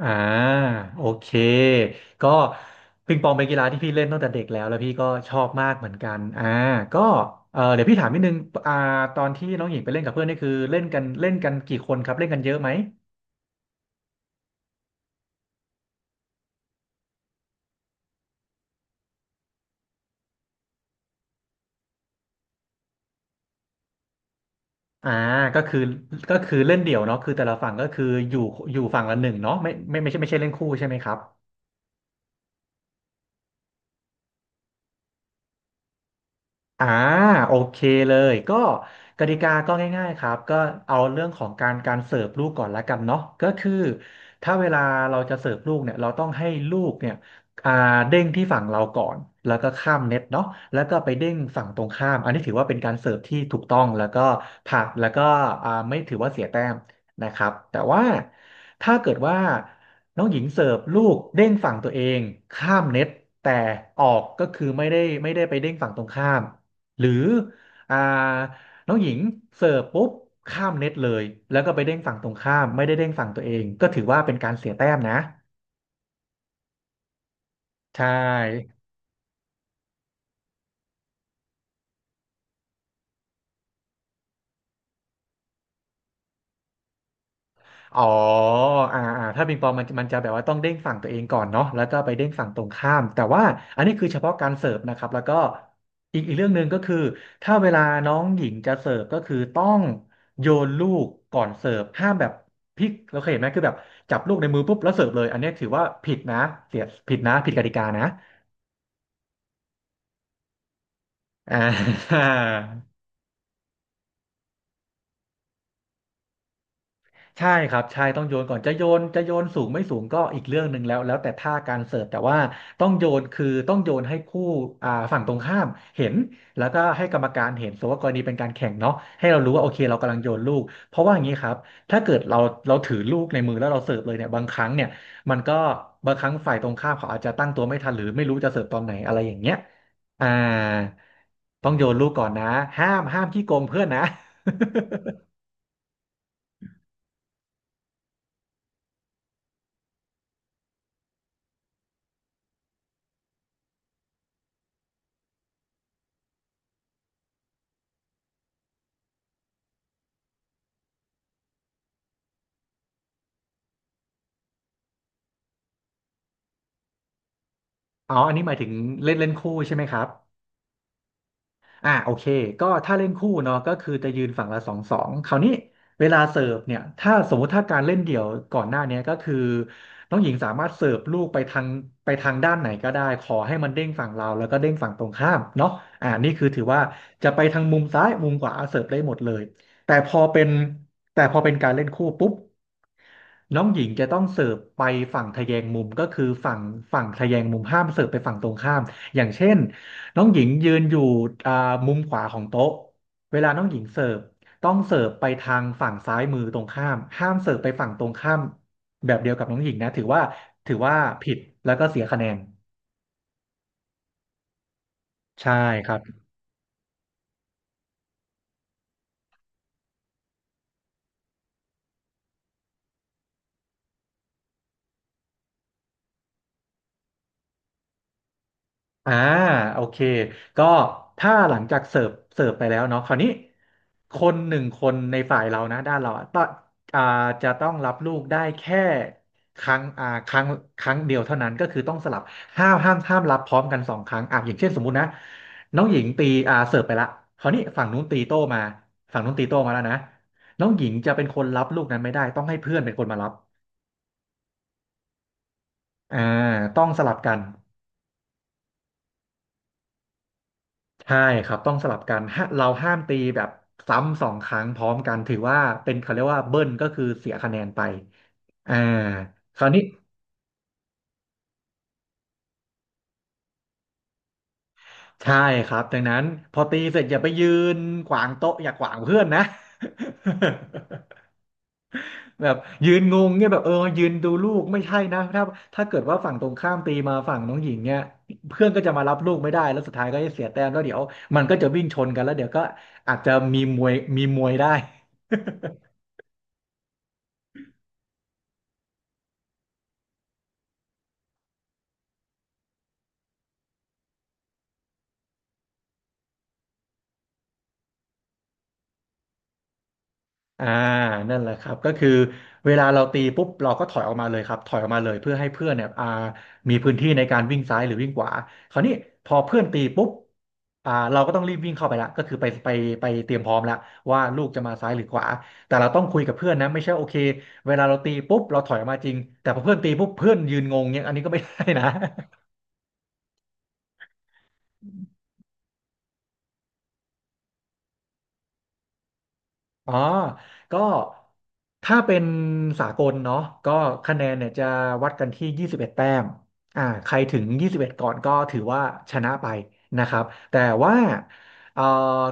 อ่าโอเคก็ปิงปองเป็นกีฬาที่พี่เล่นตั้งแต่เด็กแล้วพี่ก็ชอบมากเหมือนกันก็เออเดี๋ยวพี่ถามนิดนึงอ่าตอนที่น้องหญิงไปเล่นกับเพื่อนนี่คือเล่นกันกี่คนครับเล่นกันเยอะไหมอ่าก็คือก็คือเล่นเดี่ยวเนาะคือแต่ละฝั่งก็คืออยู่อยู่ฝั่งละหนึ่งเนาะไม่ใช่เล่นคู่ใช่ไหมครับ อ่าโอเคเลยก็กติกาก็ง่ายๆครับก็เอาเรื่องของการเสิร์ฟลูกก่อนละกันเนาะก็คือถ้าเวลาเราจะเสิร์ฟลูกเนี่ยเราต้องให้ลูกเนี่ยอ่าเด้งที่ฝั่งเราก่อนแล้วก็ข้ามเน็ตเนาะแล้วก็ไปเด้งฝั่งตรงข้ามอันนี้ถือว่าเป็นการเสิร์ฟที่ถูกต้องแล้วก็ผ่านแล้วก็ไม่ถือว่าเสียแต้มนะครับแต่ว่าถ้าเกิดว่าน้องหญิงเสิร์ฟลูกเด้งฝั่งตัวเองข้ามเน็ตแต่ออกก็คือไม่ได้ไปเด้งฝั่งตรงข้าม หรืออ่าน้องหญิงเสิร์ฟปุ๊บข้ามเน็ตเลยแล้วก็ไปเด้งฝั่งตรงข้ามไม่ได้เด้งฝั่งตัวเองก็ถือว่าเป็นการเสียแต้มนะใช่ อ๋ออ่าถ้าปิงปองมันจะแบบว่าต้องเด้งฝั่งตัวเองก่อนเนาะแล้วก็ไปเด้งฝั่งตรงข้าม แต่ว่าอันนี้คือเฉพาะการเสิร์ฟนะครับแล้วก็อีกเรื่องหนึ่งก็คือถ้าเวลาน้องหญิงจะเสิร์ฟก็คือต้องโยนลูกก่อนเสิร์ฟห้ามแบบพลิกเราเคยเห็นไหมคือแบบจับลูกในมือปุ๊บแล้วเสิร์ฟเลยอันนี้ถือว่าผิดนะเสียผิดนะผิดกติกานะอ่า ใช่ครับใช่ต้องโยนก่อนจะโยนสูงไม่สูงก็อีกเรื่องหนึ่งแล้วแต่ท่าการเสิร์ฟแต่ว่าต้องโยนคือต้องโยนให้คู่ฝั่งตรงข้ามเห็นแล้วก็ให้กรรมการเห็นสมมติว่ากรณีเป็นการแข่งเนาะให้เรารู้ว่าโอเคเรากำลังโยนลูกเพราะว่าอย่างนี้ครับถ้าเกิดเราถือลูกในมือแล้วเราเสิร์ฟเลยเนี่ยบางครั้งเนี่ยมันก็บางครั้งฝ่ายตรงข้ามเขาอาจจะตั้งตัวไม่ทันหรือไม่รู้จะเสิร์ฟตอนไหนอะไรอย่างเงี้ยอ่าต้องโยนลูกก่อนนะห้ามขี้โกงเพื่อนนะอ๋ออันนี้หมายถึงเล่นเล่นคู่ใช่ไหมครับ โอเคก็ถ้าเล่นคู่เนาะก็คือจะยืนฝั่งละสองคราวนี้เวลาเสิร์ฟเนี่ยถ้าสมมุติถ้าการเล่นเดี่ยวก่อนหน้าเนี้ยก็คือน้องหญิงสามารถเสิร์ฟลูกไปทางด้านไหนก็ได้ขอให้มันเด้งฝั่งเราแล้วก็เด้งฝั่งตรงข้ามเนาะนี่คือถือว่าจะไปทางมุมซ้ายมุมขวาเสิร์ฟได้หมดเลยแต่พอเป็นแต่พอเป็นการเล่นคู่ปุ๊บ น้องหญิงจะต้องเสิร์ฟไปฝั่งทแยงมุมก็คือฝั่งทแยงมุมห้ามเสิร์ฟไปฝั่งตรงข้ามอย่างเช่นน้องหญิงยืนอยู่อ่ามุมขวาของโต๊ะเวลาน้องหญิงเสิร์ฟต้องเสิร์ฟไปทางฝั่งซ้ายมือตรงข้ามห้ามเสิร์ฟไปฝั่งตรงข้ามแบบเดียวกับน้องหญิงนะถือว่าผิดแล้วก็เสียคะแนนใช่ครับ อ่าโอเคก็ถ้าหลังจากเสิร์ฟไปแล้วเนาะคราวนี้คนหนึ่งคนในฝ่ายเรานะด้านเราอะต้องอ่าจะต้องรับลูกได้แค่ครั้งอ่าครั้งครั้งเดียวเท่านั้นก็คือต้องสลับห้ามรับพร้อมกันสองครั้งอ่ะอย่างเช่นสมมุตินะน้องหญิงตีเสิร์ฟไปละคราวนี้ฝั่งนู้นตีโต้มาฝั่งนู้นตีโต้มาแล้วนะน้องหญิงจะเป็นคนรับลูกนั้นไม่ได้ต้องให้เพื่อนเป็นคนมารับอ่าต้องสลับกัน ใช่ครับต้องสลับกันฮะเราห้ามตีแบบซ้ำสองครั้งพร้อมกันถือว่าเป็นเขาเรียกว่าเบิ้ลก็คือเสียคะแนนไปอ่าคราวนี้ใช่ครับดังนั้นพอตีเสร็จอย่าไปยืนขวางโต๊ะอย่าขวางเพื่อนนะ แบบยืนงงเนี่ยแบบเออยืนดูลูกไม่ใช่นะถ้าเกิดว่าฝั่งตรงข้ามตีมาฝั่งน้องหญิงเนี่ยเพื่อนก็จะมารับลูกไม่ได้แล้วสุดท้ายก็จะเสียแต้มแล้วเดี๋ยวมันก็จะวิ่งชนกันแล้วเดี๋ยวก็อาจจะมีมวยได้ อ่านั่นแหละครับก็คือเวลาเราตีปุ๊บเราก็ถอยออกมาเลยครับถอยออกมาเลยเพื่อให้เพื่อนเนี่ยมีพื้นที่ในการวิ่งซ้ายหรือวิ่งขวาคราวนี้พอเพื่อนตีปุ๊บเราก็ต้องรีบวิ่งเข้าไปละก็คือไปไปเตรียมพร้อมละว่าลูกจะมาซ้ายหรือขวาแต่เราต้องคุยกับเพื่อนนะไม่ใช่โอเคเวลาเราตีปุ๊บเราถอยออกมาจริงแต่พอเพื่อนตีปุ๊บเพื่อนยืนงงเนี่ยอันนี้ก็ไม่ได้นะ อ๋อก็ถ้าเป็นสากลเนาะก็คะแนนเนี่ยจะวัดกันที่21แต้มใครถึง21ก่อนก็ถือว่าชนะไปนะครับแต่ว่าเอ่อ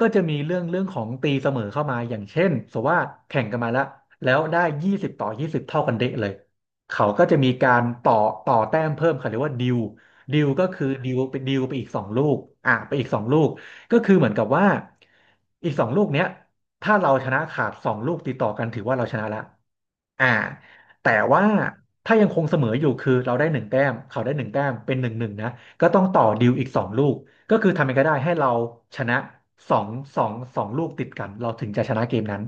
ก็จะมีเรื่องของตีเสมอเข้ามาอย่างเช่นสมมติว่าแข่งกันมาแล้วแล้วได้20ต่อ20เท่ากันเดะเลย เขาก็จะมีการต่อแต้มเพิ่มเขาเรียกว่าดิวดิวก็คือดิวไปดิวไปอีกสองลูกไปอีกสองลูก ก็คือเหมือนกับว่าอีกสองลูกเนี้ย ถ้าเราชนะขาดสองลูกติดต่อกันถือว่าเราชนะละอ่าแต่ว่าถ้ายังคงเสมออยู่คือเราได้หนึ่งแต้มเขาได้หนึ่งแต้มเป็นหนึ่งหนึ่งนะก็ต้องต่อดิวอีกสองลูกก็คือทำยังไงก็ได้ให้เราชนะสองสองลูกติดกันเราถึงจะชนะเกมนั้น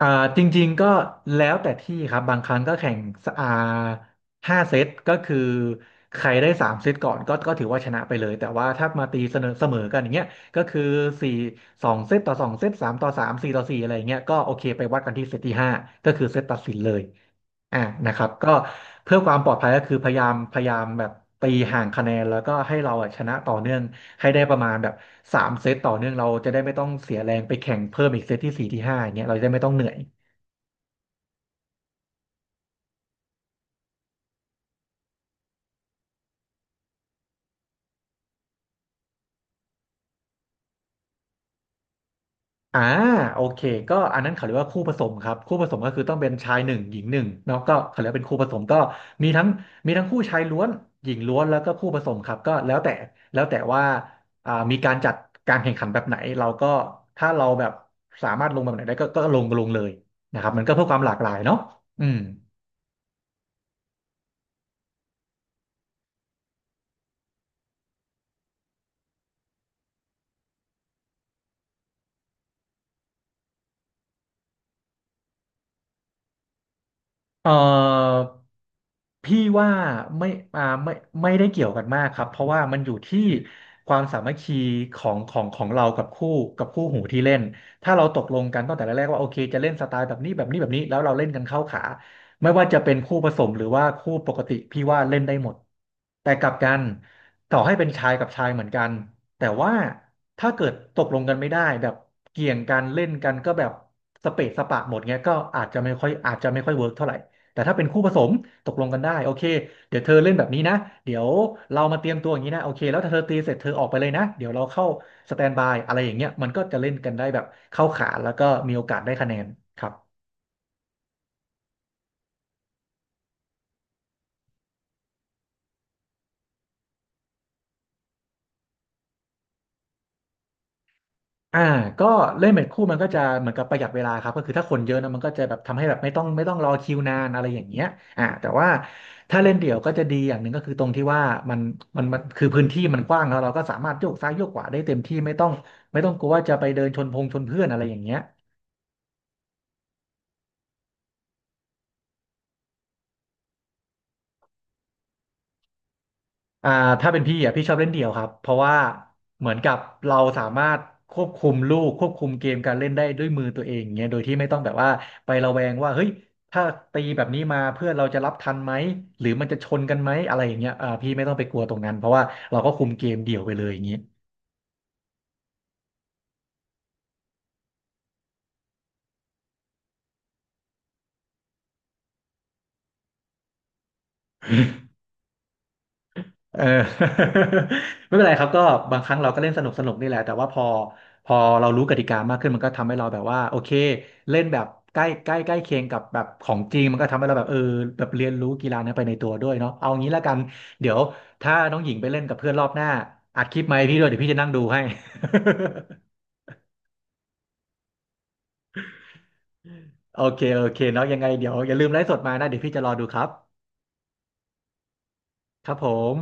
อ่าจริงๆก็แล้วแต่ที่ครับบางครั้งก็แข่งสอ่าห้าเซตก็คือใครได้สามเซตก่อนก็ถือว่าชนะไปเลยแต่ว่าถ้ามาตีเสมอกันอย่างเงี้ยก็คือสี่สองเซตต่อสองเซตสามต่อสามสี่ต่อสี่อะไรอย่างเงี้ยก็โอเคไปวัดกันที่เซตที่ห้าก็คือเซตตัดสินเลยอ่านะครับก็เพื่อความปลอดภัยก็คือพยายามแบบตีห่างคะแนนแล้วก็ให้เราอะชนะต่อเนื่องให้ได้ประมาณแบบสามเซตต่อเนื่องเราจะได้ไม่ต้องเสียแรงไปแข่งเพิ่มอีกเซตที่สี่ที่ห้าอย่างเงี้ยเราจะได้ไม่ต้องเหนื่อย อ่าโอเคก็อันนั้นเขาเรียกว่าคู่ผสมครับคู่ผสมก็คือต้องเป็นชายหนึ่งหญิงหนึ่งเนาะก็เขาเรียกว่าเป็นคู่ผสมก็มีทั้งมีทั้งคู่ชายล้วนหญิงล้วนแล้วก็คู่ผสมครับก็แล้วแต่ว่ามีการจัดการแข่งขันแบบไหนเราก็ถ้าเราแบบสามารถลงแบบไหนได้ก็ก็ลงเลยนะครับมันก็เพื่อความหลากหลายเนาะอืม เอ่อพี่ว่าไม่ไม่ไม่ได้เกี่ยวกันมากครับเพราะว่ามันอยู่ที่ความสามัคคีของเรากับคู่กับคู่หูที่เล่นถ้าเราตกลงกันตั้งแต่แรกๆว่าโอเคจะเล่นสไตล์แบบนี้แล้วเราเล่นกันเข้าขาไม่ว่าจะเป็นคู่ผสมหรือว่าคู่ปกติพี่ว่าเล่นได้หมดแต่กลับกันต่อให้เป็นชายกับชายเหมือนกันแต่ว่าถ้าเกิดตกลงกันไม่ได้แบบเกี่ยงกันเล่นกันก็แบบสเปะสปะหมดเงี้ยก็อาจจะไม่ค่อยเวิร์กเท่าไหร่ แต่ถ้าเป็นคู่ผสมตกลงกันได้โอเคเดี๋ยวเธอเล่นแบบนี้นะเดี๋ยวเรามาเตรียมตัวอย่างนี้นะโอเคแล้วถ้าเธอตีเสร็จเธอออกไปเลยนะเดี๋ยวเราเข้าสแตนบายอะไรอย่างเงี้ยมันก็จะเล่นกันได้แบบเข้าขาแล้วก็มีโอกาสได้คะแนนครับอ่าก็เล่นเป็นคู่มันก็จะเหมือนกับประหยัดเวลาครับก็คือถ้าคนเยอะนะมันก็จะแบบทำให้แบบไม่ต้องรอคิวนานอะไรอย่างเงี้ยแต่ว่าถ้าเล่นเดี่ยวก็จะดีอย่างหนึ่งก็คือตรงที่ว่ามันมันคือพื้นที่มันกว้างแล้วเราก็สามารถโยกซ้ายโยกขวาได้เต็มที่ไม่ต้องกลัวว่าจะไปเดินชนพงชนเพื่อนอะไรอย่างเงี้ย อ่าถ้าเป็นพี่อ่ะพี่ชอบเล่นเดี่ยวครับเพราะว่าเหมือนกับเราสามารถควบคุมลูกควบคุมเกมการเล่นได้ด้วยมือตัวเองอย่างเงี้ยโดยที่ไม่ต้องแบบว่าไประแวงว่าเฮ้ยถ้าตีแบบนี้มาเพื่อนเราจะรับทันไหมหรือมันจะชนกันไหมอะไรอย่างเงี้ยพี่ไม่ต้องไปกลัวตรงนั้นเพราะว่าเราก็คุมเกมเดี่ยวไปเลยอย่างงี้ เออ ไม่เป็นไรครับก็บางครั้งเราก็เล่นสนุกสนุกนี่แหละแต่ว่าพอเรารู้กติกามากขึ้นมันก็ทำให้เราแบบว่าโอเคเล่นแบบใกล้ใกล้ใกล้เคียงกับแบบของจริงมันก็ทำให้เราแบบเออแบบเรียนรู้กีฬานั้นไปในตัวด้วยเนาะเอางี้แล้วกันเดี๋ยวถ้าน้องหญิงไปเล่นกับเพื่อนรอบหน้าอัดคลิปมาให้พี่ด้วยเดี๋ยวพี่จะนั่งดูให้ โอเคโอเคเนาะยังไงเดี๋ยวอย่าลืมไลฟ์สดมานะเดี๋ยวพี่จะรอดูครับครับผม